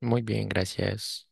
Muy bien, gracias.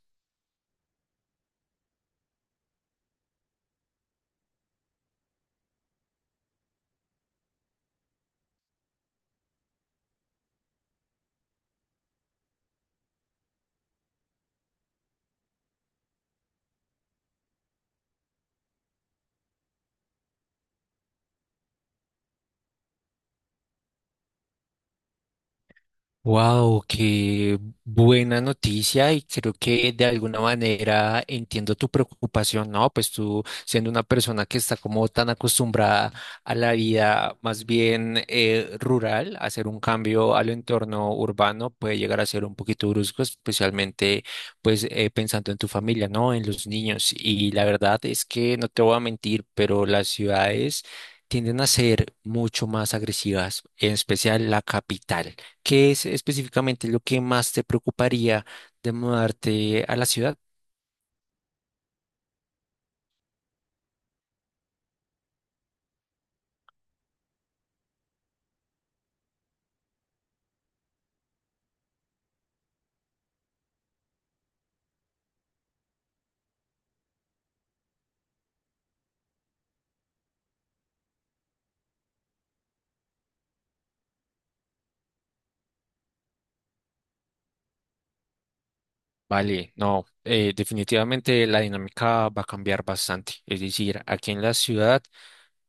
Wow, qué buena noticia y creo que de alguna manera entiendo tu preocupación, ¿no? Pues tú siendo una persona que está como tan acostumbrada a la vida más bien rural, hacer un cambio al entorno urbano puede llegar a ser un poquito brusco, especialmente pues pensando en tu familia, ¿no? En los niños. Y la verdad es que no te voy a mentir, pero las ciudades tienden a ser mucho más agresivas, en especial la capital. ¿Qué es específicamente lo que más te preocuparía de mudarte a la ciudad? Vale, no, definitivamente la dinámica va a cambiar bastante. Es decir, aquí en la ciudad,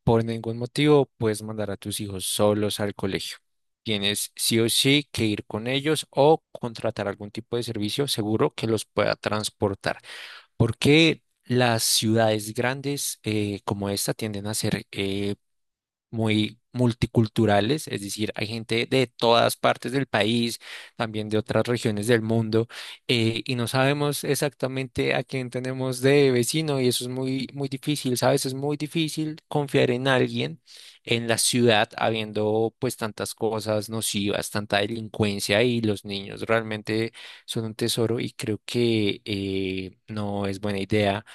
por ningún motivo, puedes mandar a tus hijos solos al colegio. Tienes sí o sí que ir con ellos o contratar algún tipo de servicio seguro que los pueda transportar. Porque las ciudades grandes como esta tienden a ser muy multiculturales, es decir, hay gente de todas partes del país, también de otras regiones del mundo, y no sabemos exactamente a quién tenemos de vecino y eso es muy, muy difícil, ¿sabes? Es muy difícil confiar en alguien en la ciudad habiendo pues tantas cosas nocivas, tanta delincuencia y los niños realmente son un tesoro y creo que no es buena idea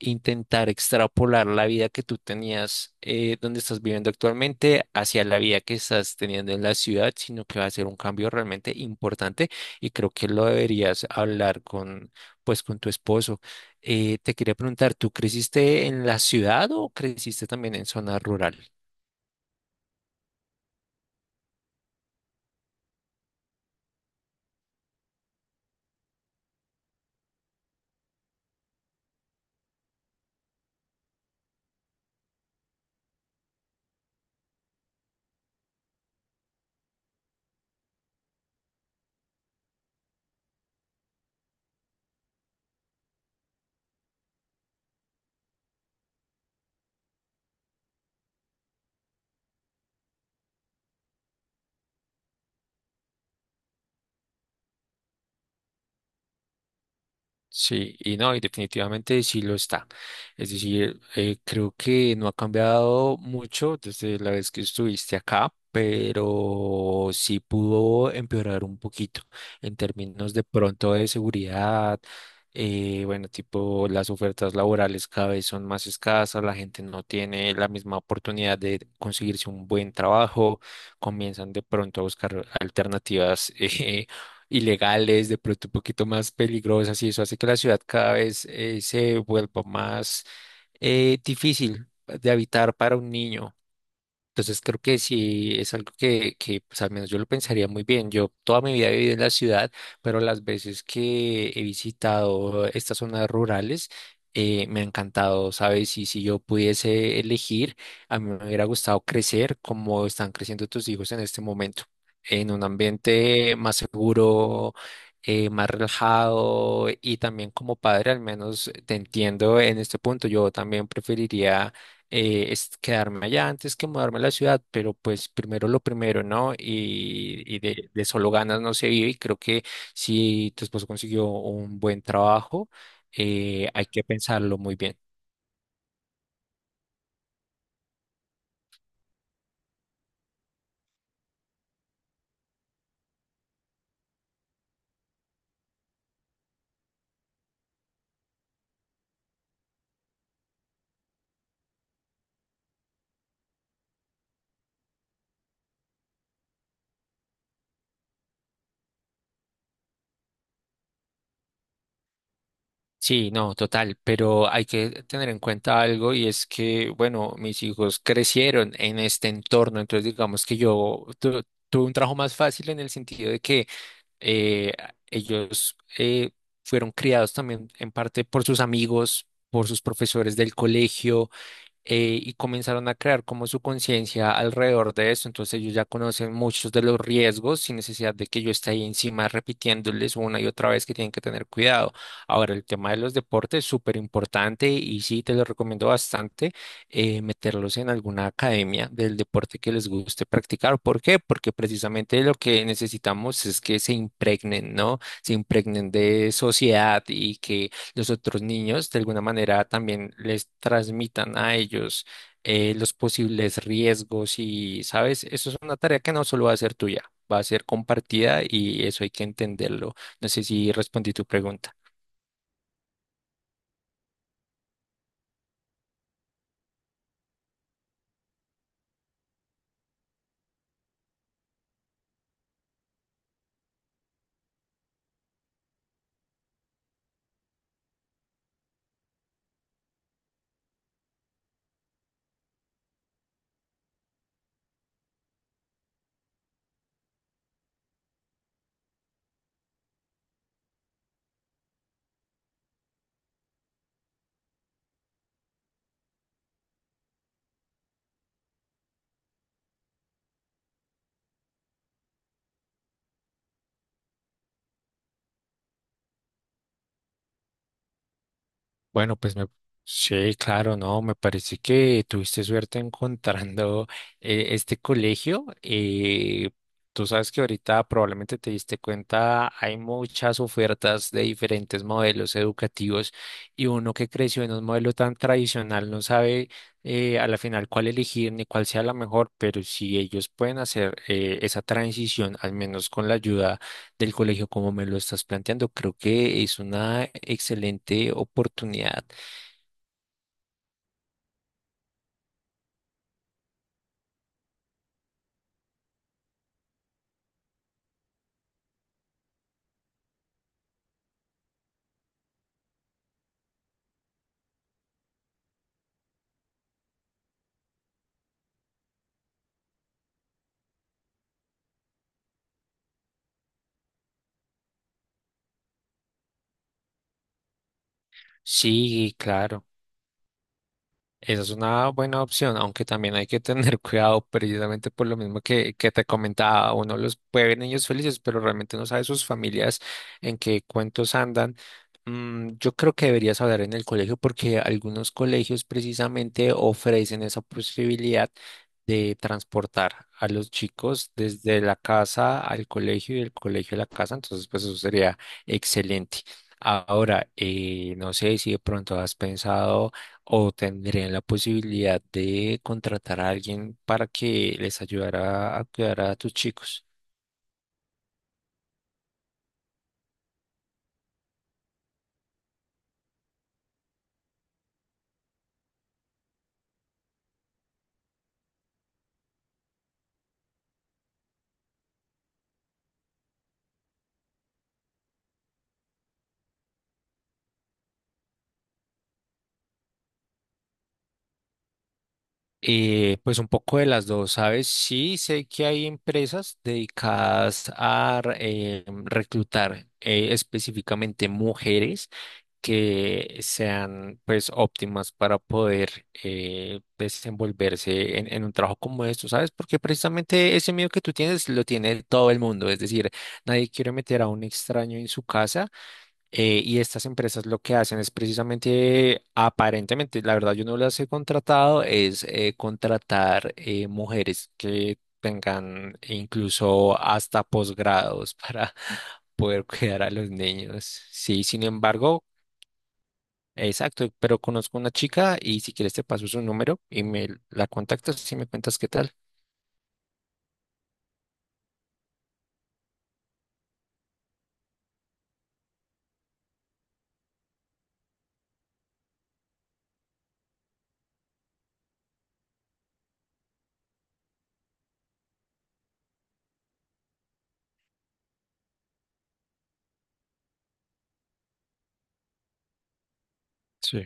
intentar extrapolar la vida que tú tenías donde estás viviendo actualmente hacia la vida que estás teniendo en la ciudad, sino que va a ser un cambio realmente importante y creo que lo deberías hablar con, pues, con tu esposo. Te quería preguntar, ¿tú creciste en la ciudad o creciste también en zona rural? Sí, y no, y definitivamente sí lo está. Es decir, creo que no ha cambiado mucho desde la vez que estuviste acá, pero sí pudo empeorar un poquito en términos de pronto de seguridad. Bueno, tipo las ofertas laborales cada vez son más escasas, la gente no tiene la misma oportunidad de conseguirse un buen trabajo, comienzan de pronto a buscar alternativas ilegales, de pronto un poquito más peligrosas, y eso hace que la ciudad cada vez se vuelva más difícil de habitar para un niño. Entonces creo que sí es algo que pues, al menos yo lo pensaría muy bien. Yo toda mi vida he vivido en la ciudad, pero las veces que he visitado estas zonas rurales me ha encantado, ¿sabes? Y si yo pudiese elegir, a mí me hubiera gustado crecer como están creciendo tus hijos en este momento, en un ambiente más seguro. Más relajado y también como padre al menos te entiendo en este punto yo también preferiría es quedarme allá antes que mudarme a la ciudad, pero pues primero lo primero, ¿no? Y, y de solo ganas no se vive y creo que si tu esposo consiguió un buen trabajo, hay que pensarlo muy bien. Sí, no, total, pero hay que tener en cuenta algo y es que, bueno, mis hijos crecieron en este entorno, entonces digamos que yo tuve un trabajo más fácil en el sentido de que eh, ellos fueron criados también en parte por sus amigos, por sus profesores del colegio y comenzaron a crear como su conciencia alrededor de eso. Entonces ellos ya conocen muchos de los riesgos sin necesidad de que yo esté ahí encima repitiéndoles una y otra vez que tienen que tener cuidado. Ahora, el tema de los deportes es súper importante y sí, te lo recomiendo bastante meterlos en alguna academia del deporte que les guste practicar. ¿Por qué? Porque precisamente lo que necesitamos es que se impregnen, ¿no? Se impregnen de sociedad y que los otros niños de alguna manera también les transmitan a ellos los posibles riesgos y, ¿sabes? Eso es una tarea que no solo va a ser tuya, va a ser compartida y eso hay que entenderlo. No sé si respondí tu pregunta. Bueno, pues me, sí, claro, no, me parece que tuviste suerte encontrando este colegio. Tú sabes que ahorita probablemente te diste cuenta, hay muchas ofertas de diferentes modelos educativos y uno que creció en un modelo tan tradicional no sabe a la final cuál elegir ni cuál sea la mejor, pero si ellos pueden hacer esa transición, al menos con la ayuda del colegio como me lo estás planteando, creo que es una excelente oportunidad. Sí, claro. Esa es una buena opción, aunque también hay que tener cuidado precisamente por lo mismo que te comentaba. Uno los puede ver niños felices, pero realmente no sabe sus familias en qué cuentos andan. Yo creo que deberías hablar en el colegio porque algunos colegios precisamente ofrecen esa posibilidad de transportar a los chicos desde la casa al colegio y del colegio a la casa. Entonces, pues eso sería excelente. Ahora, no sé si de pronto has pensado o tendrían la posibilidad de contratar a alguien para que les ayudara a cuidar a tus chicos. Pues un poco de las dos, ¿sabes? Sí, sé que hay empresas dedicadas a reclutar específicamente mujeres que sean pues óptimas para poder desenvolverse en un trabajo como esto, ¿sabes? Porque precisamente ese miedo que tú tienes lo tiene todo el mundo, es decir, nadie quiere meter a un extraño en su casa. Y estas empresas lo que hacen es precisamente, aparentemente, la verdad yo no las he contratado, es contratar mujeres que tengan incluso hasta posgrados para poder cuidar a los niños. Sí, sin embargo, exacto, pero conozco una chica y si quieres te paso su número y me la contactas y me cuentas qué tal. Sí,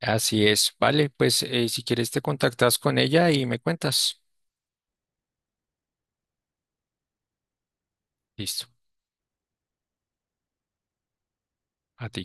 así es, vale, pues si quieres te contactas con ella y me cuentas. Listo, a ti.